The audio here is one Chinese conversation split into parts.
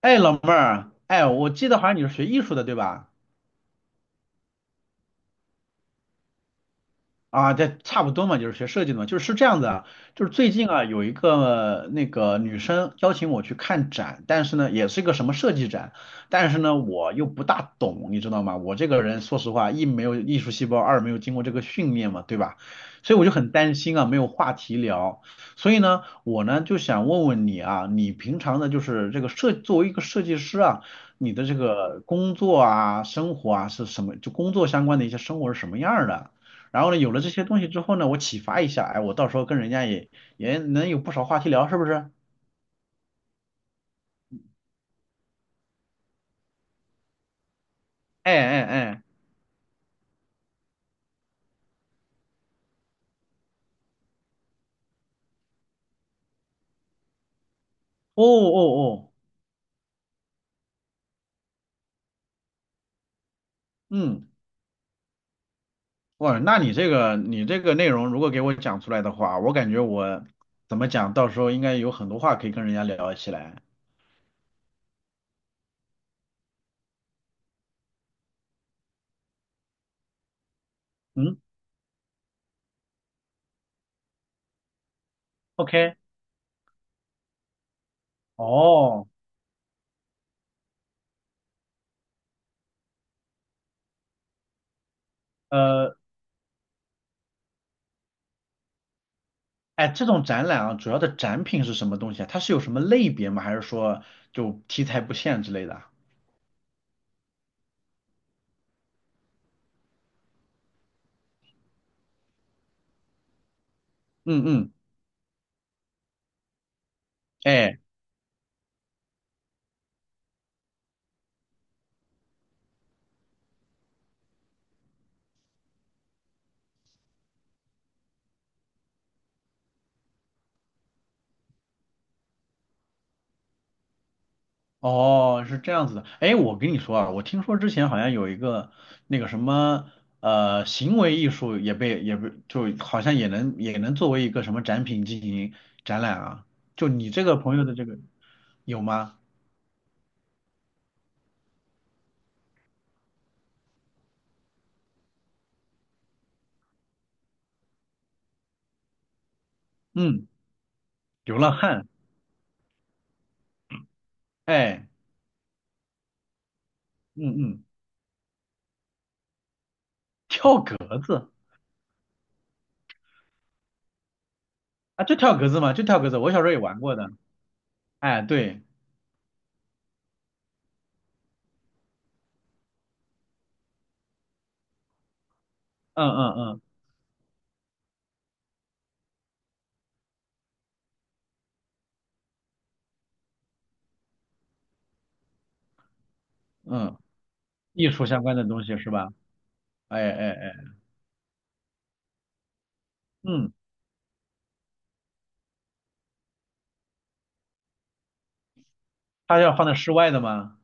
哎，老妹儿，哎，我记得好像你是学艺术的，对吧？啊，这差不多嘛，就是学设计的嘛，就是这样子啊，就是最近啊有一个那个女生邀请我去看展，但是呢也是一个什么设计展，但是呢我又不大懂，你知道吗？我这个人说实话，一没有艺术细胞，二没有经过这个训练嘛，对吧？所以我就很担心啊，没有话题聊，所以呢我呢就想问问你啊，你平常的就是这个设作为一个设计师啊，你的这个工作啊、生活啊是什么？就工作相关的一些生活是什么样儿的？然后呢，有了这些东西之后呢，我启发一下，哎，我到时候跟人家也也能有不少话题聊，是不是？哎哎哎，哦哦哦，嗯，哇，那你这个内容如果给我讲出来的话，我感觉我怎么讲，到时候应该有很多话可以跟人家聊起来。嗯，OK，哦，呃，哎，这种展览啊，主要的展品是什么东西啊？它是有什么类别吗？还是说就题材不限之类的啊嗯嗯，哎。哦，是这样子的。哎，我跟你说啊，我听说之前好像有一个那个什么行为艺术也被就好像也能作为一个什么展品进行展览啊。就你这个朋友的这个有吗？嗯，流浪汉。哎，嗯嗯，跳格子啊，就跳格子嘛，就跳格子。我小时候也玩过的。哎，对，嗯嗯嗯嗯，艺术相关的东西是吧？哎哎哎，嗯，它要放在室外的吗？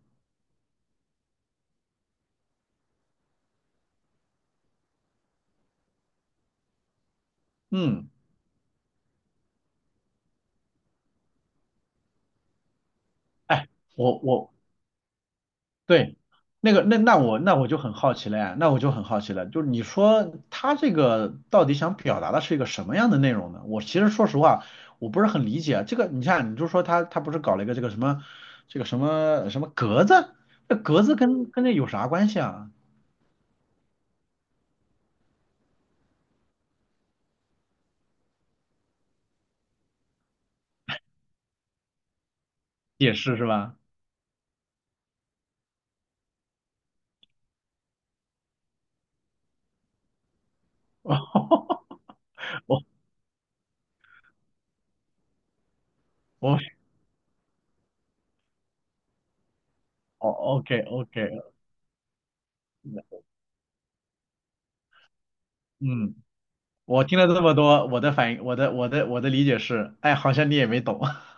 嗯。哎。我对，那我就很好奇了呀，那我就很好奇了，就是你说他这个到底想表达的是一个什么样的内容呢？我其实说实话，我不是很理解这个。你看，你就说他不是搞了一个这个什么这个什么什么格子，这格子跟这有啥关系啊？也是是吧？我我哦，OK OK，嗯，我听了这么多，我的反应，我的我的理解是，哎，好像你也没懂。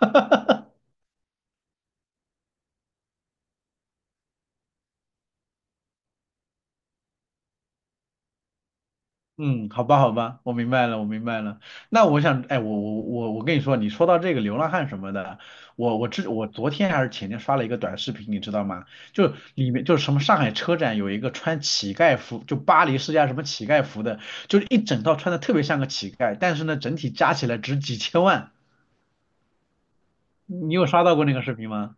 嗯，好吧，好吧，我明白了，我明白了。那我想，哎，我跟你说，你说到这个流浪汉什么的，我昨天还是前天刷了一个短视频，你知道吗？就里面就是什么上海车展有一个穿乞丐服，就巴黎世家什么乞丐服的，就是一整套穿的特别像个乞丐，但是呢，整体加起来值几千万。你有刷到过那个视频吗？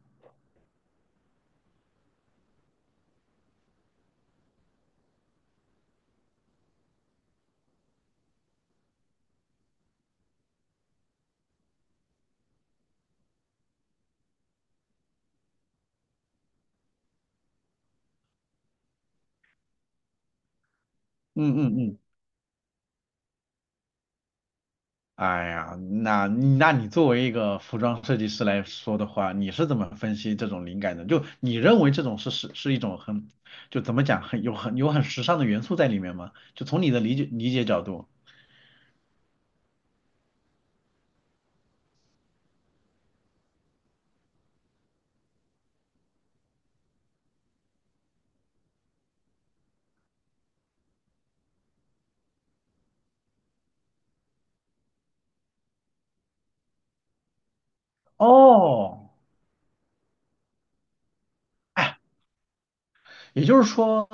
嗯嗯嗯。哎呀，那那你作为一个服装设计师来说的话，你是怎么分析这种灵感的？就你认为这种是一种很，就怎么讲，很有很时尚的元素在里面吗？就从你的理解角度。哦，也就是说，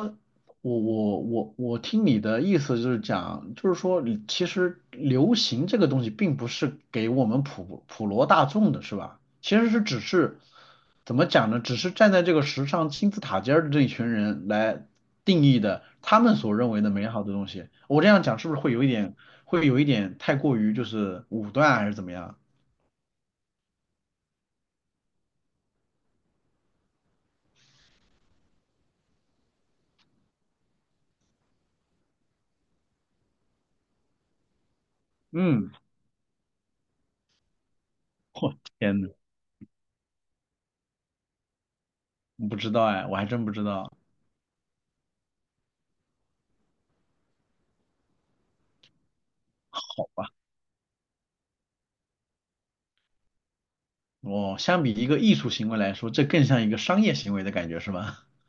我听你的意思就是讲，就是说你，其实流行这个东西并不是给我们普罗大众的，是吧？其实只是怎么讲呢？只是站在这个时尚金字塔尖儿的这一群人来定义的，他们所认为的美好的东西。我这样讲是不是会有一点，会有一点太过于就是武断还是怎么样？嗯，我天呐，不知道哎，我还真不知道。好。哦，相比一个艺术行为来说，这更像一个商业行为的感觉是吗？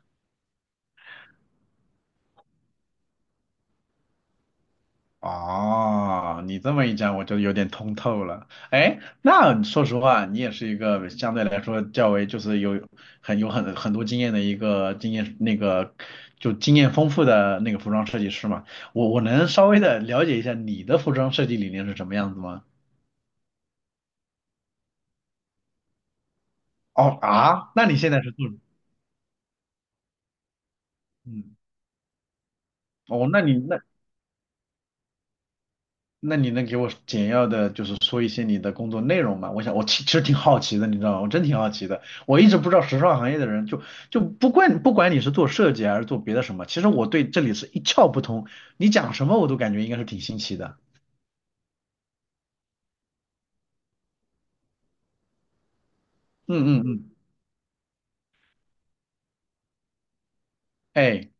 哦，你这么一讲，我就有点通透了。哎，那说实话，你也是一个相对来说较为就是有很有很很多经验的一个经验那个就经验丰富的那个服装设计师嘛。我我能稍微的了解一下你的服装设计理念是什么样子吗？哦啊，那你现在是做嗯，哦，那你能给我简要的，就是说一些你的工作内容吗？我想，我其实挺好奇的，你知道吗？我真挺好奇的。我一直不知道时尚行业的人就，就不管你是做设计还是做别的什么，其实我对这里是一窍不通。你讲什么我都感觉应该是挺新奇的。嗯嗯嗯，哎，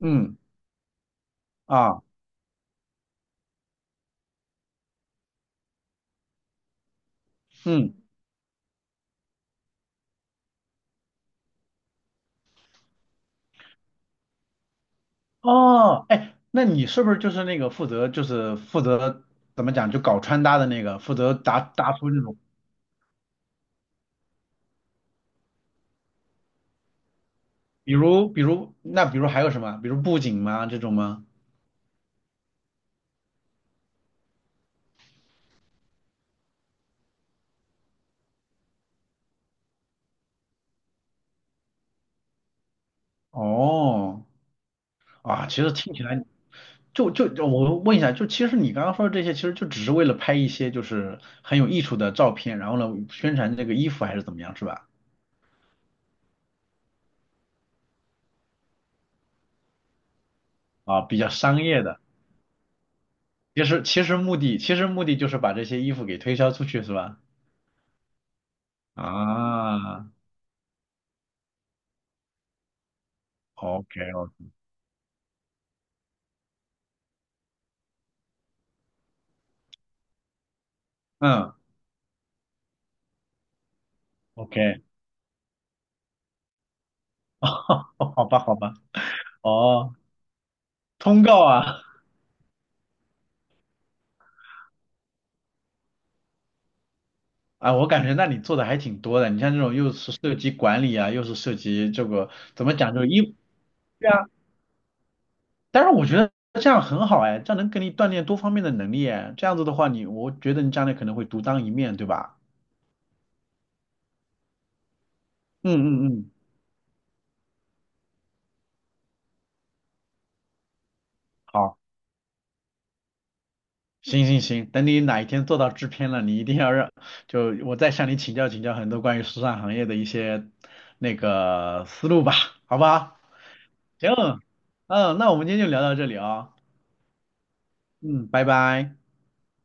嗯啊，嗯哦，哎，那你是不是就是那个负责怎么讲就搞穿搭的那个，负责搭出那种，比如还有什么，比如布景吗这种吗？哦。啊，其实听起来就我问一下，就其实你刚刚说的这些，其实就只是为了拍一些就是很有艺术的照片，然后呢宣传这个衣服还是怎么样，是吧？啊，比较商业的。其实目的就是把这些衣服给推销出去，是吧？啊，OK OK，嗯，OK，哦，好吧好吧，哦，通告啊。啊，我感觉那你做的还挺多的，你像这种又是涉及管理啊，又是涉及这个怎么讲，就是衣服。但是我觉得这样很好哎，这样能给你锻炼多方面的能力哎。这样子的话你，我觉得你将来可能会独当一面，对吧？嗯嗯嗯，好，行行行，等你哪一天做到制片了，你一定要让，就我再向你请教请教很多关于时尚行业的一些那个思路吧，好不好？行，嗯，那我们今天就聊到这里啊、嗯，拜拜。